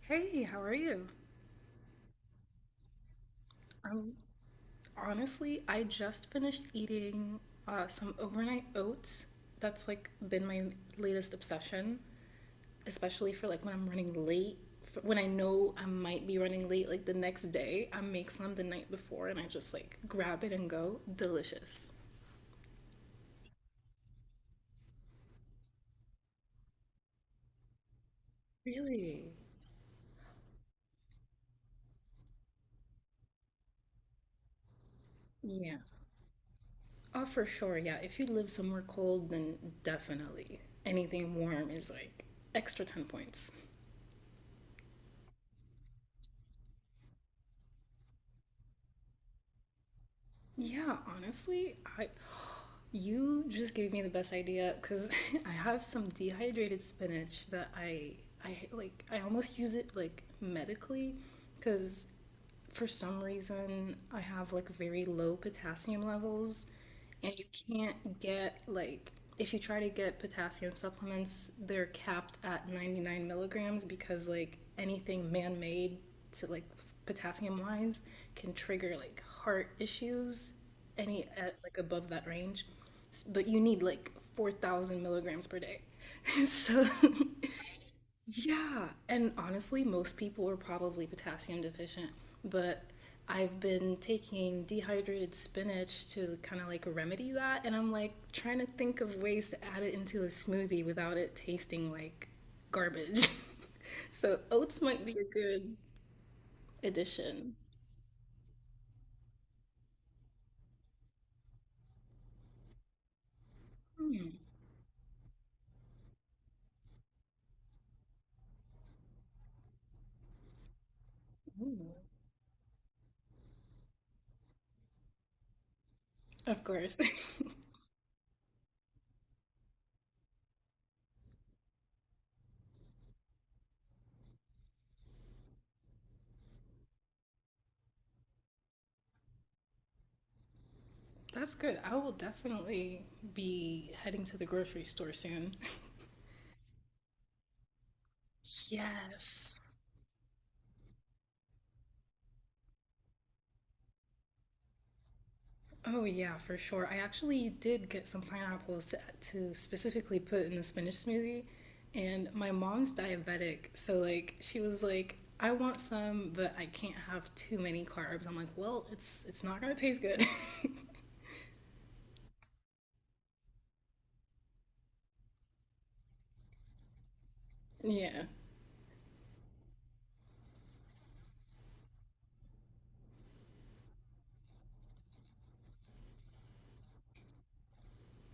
Hey, how are you? Um, Honestly, I just finished eating some overnight oats. That's like been my latest obsession, especially for like when I'm running late. When I know I might be running late, like the next day, I make some the night before and I just like grab it and go. Delicious. Really? Yeah. Oh, for sure. Yeah. If you live somewhere cold, then definitely anything warm is like extra 10 points. Yeah, honestly, I you just gave me the best idea because I have some dehydrated spinach that I like I almost use it like medically because for some reason I have like very low potassium levels, and you can't get like if you try to get potassium supplements, they're capped at 99 milligrams because like anything man-made to like potassium wise can trigger like heart issues any at like above that range, but you need like 4,000 milligrams per day. So, yeah. And honestly, most people are probably potassium deficient, but I've been taking dehydrated spinach to kind of like remedy that. And I'm like trying to think of ways to add it into a smoothie without it tasting like garbage. So, oats might be a good addition. Mm, of course. That's good. I will definitely be heading to the grocery store soon. Yes. Oh yeah, for sure. I actually did get some pineapples to specifically put in the spinach smoothie, and my mom's diabetic, so like she was like, "I want some, but I can't have too many carbs." I'm like, "Well, it's not gonna taste good." Yeah.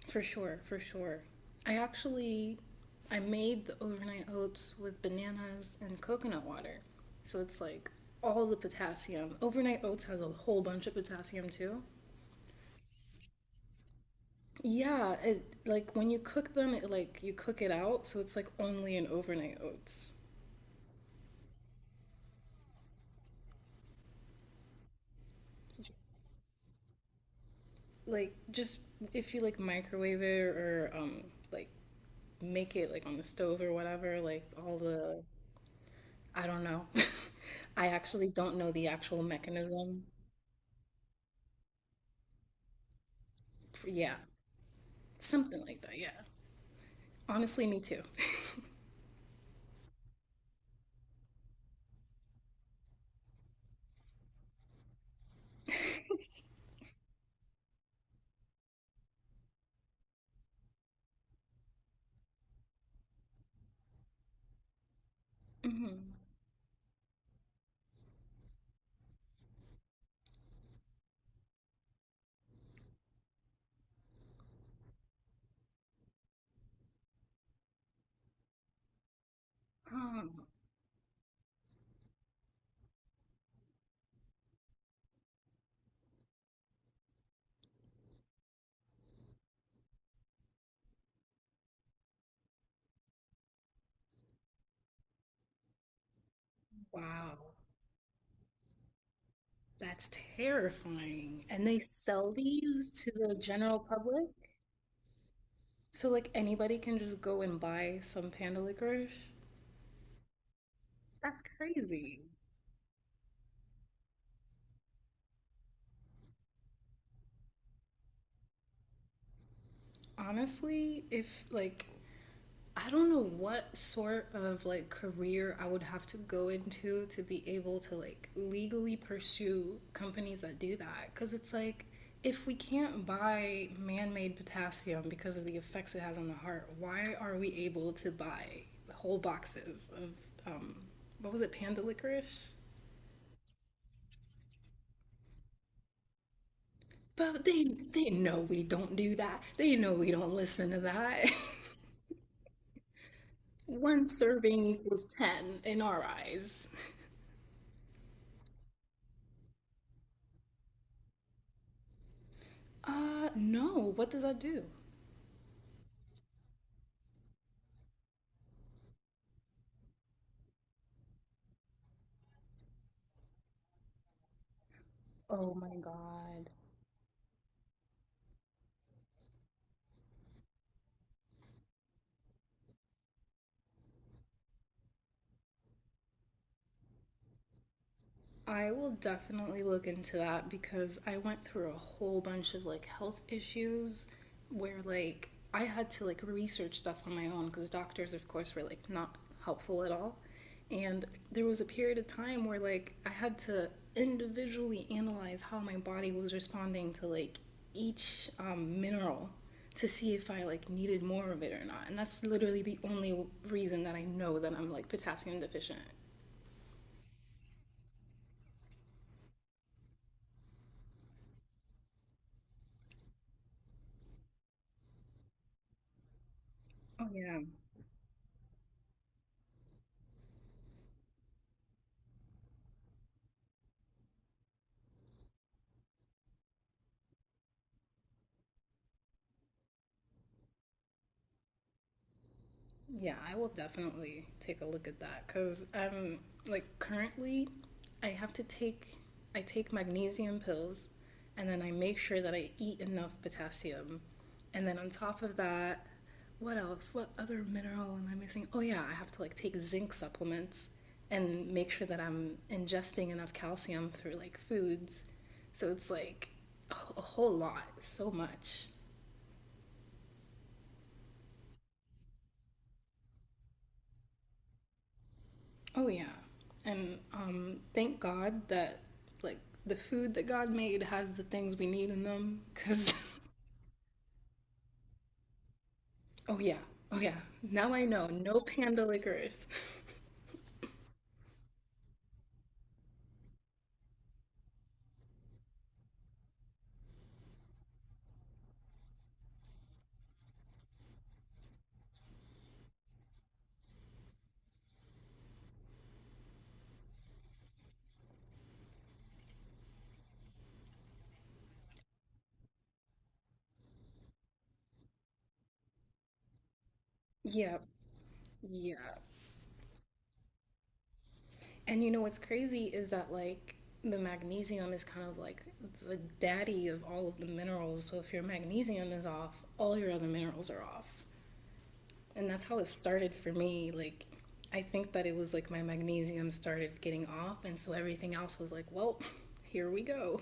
For sure, for sure. I actually I made the overnight oats with bananas and coconut water. So it's like all the potassium. Overnight oats has a whole bunch of potassium too. Yeah, it like when you cook them, it like you cook it out, so it's like only in overnight oats. Like just if you like microwave it or like make it like on the stove or whatever, like all the I don't know. I actually don't know the actual mechanism. Yeah. Something like that, yeah. Honestly, me too. Mhm. Oh, wow. That's terrifying. And they sell these to the general public? So, like, anybody can just go and buy some panda licorice? That's crazy. Honestly, if, like, I don't know what sort of like career I would have to go into to be able to like legally pursue companies that do that cuz it's like if we can't buy man-made potassium because of the effects it has on the heart, why are we able to buy whole boxes of um what was it panda licorice? But they know we don't do that. They know we don't listen to that. One serving equals 10 in our eyes. No. What does that do? Oh my God. I will definitely look into that because I went through a whole bunch of like health issues where like I had to like research stuff on my own because doctors, of course, were like not helpful at all. And there was a period of time where like I had to individually analyze how my body was responding to like each mineral to see if I like needed more of it or not. And that's literally the only reason that I know that I'm like potassium deficient. Oh, yeah. Yeah, I will definitely take a look at that because I'm like currently, I have to take I take magnesium pills, and then I make sure that I eat enough potassium, and then on top of that, what else? What other mineral am I missing? Oh yeah, I have to like take zinc supplements and make sure that I'm ingesting enough calcium through like foods. So it's like a whole lot, so much. Oh yeah. And thank God that like the food that God made has the things we need in them cuz oh yeah. Oh yeah. Now I know. No panda licorice. Yeah. Yeah. And you know what's crazy is that like the magnesium is kind of like the daddy of all of the minerals. So if your magnesium is off, all your other minerals are off. And that's how it started for me. Like, I think that it was like my magnesium started getting off, and so everything else was like, well, here we go,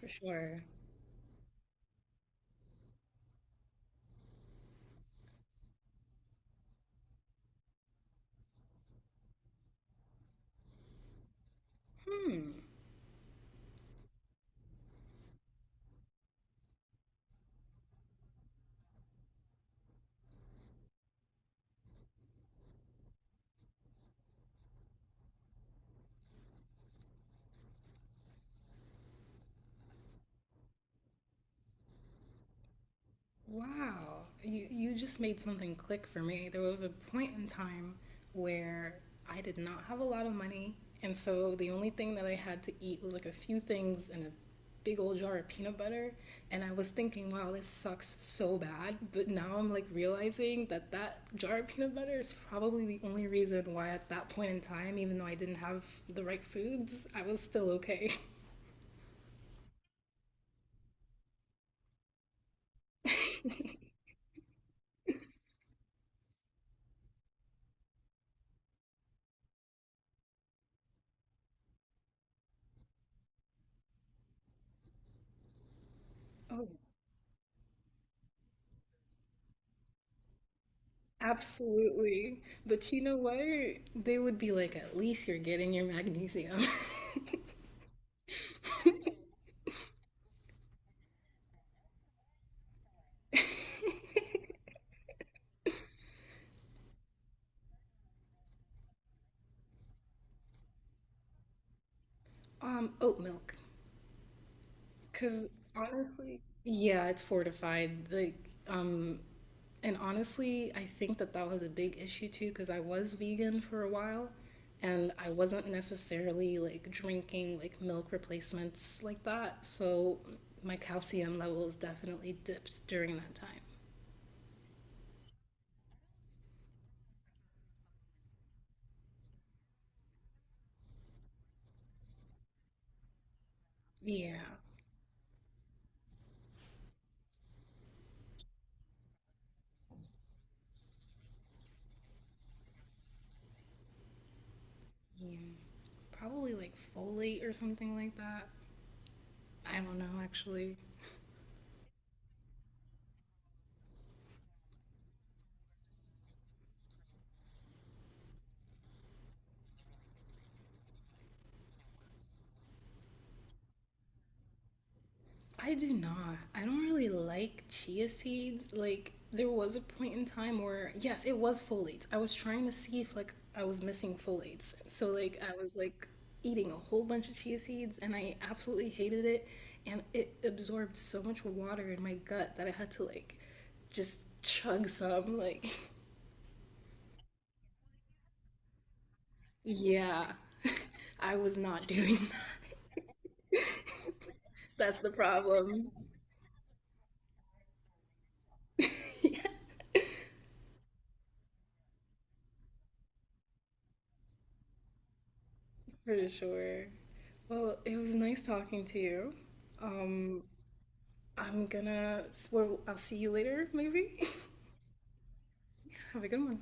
for sure. Hmm. Wow, you just made something click for me. There was a point in time where I did not have a lot of money, and so the only thing that I had to eat was like a few things and a big old jar of peanut butter. And I was thinking, wow, this sucks so bad. But now I'm like realizing that that jar of peanut butter is probably the only reason why at that point in time, even though I didn't have the right foods, I was still okay. Oh, absolutely. But you know what? They would be like, at least you're getting your magnesium. Oat milk. Because honestly, yeah, it's fortified. Like, um, and honestly, I think that that was a big issue too, because I was vegan for a while and I wasn't necessarily like drinking like milk replacements like that. So my calcium levels definitely dipped during that time. Yeah. Yeah. Probably like folate or something like that. I don't know actually. I do not. I don't really like chia seeds. Like there was a point in time where yes, it was folates. I was trying to see if like I was missing folates. So like I was like eating a whole bunch of chia seeds and I absolutely hated it and it absorbed so much water in my gut that I had to like just chug some like yeah. I was not doing that. That's the problem, for sure. Well, it was nice talking to you. Um, I'm gonna, well, I'll see you later, maybe. Have a good one.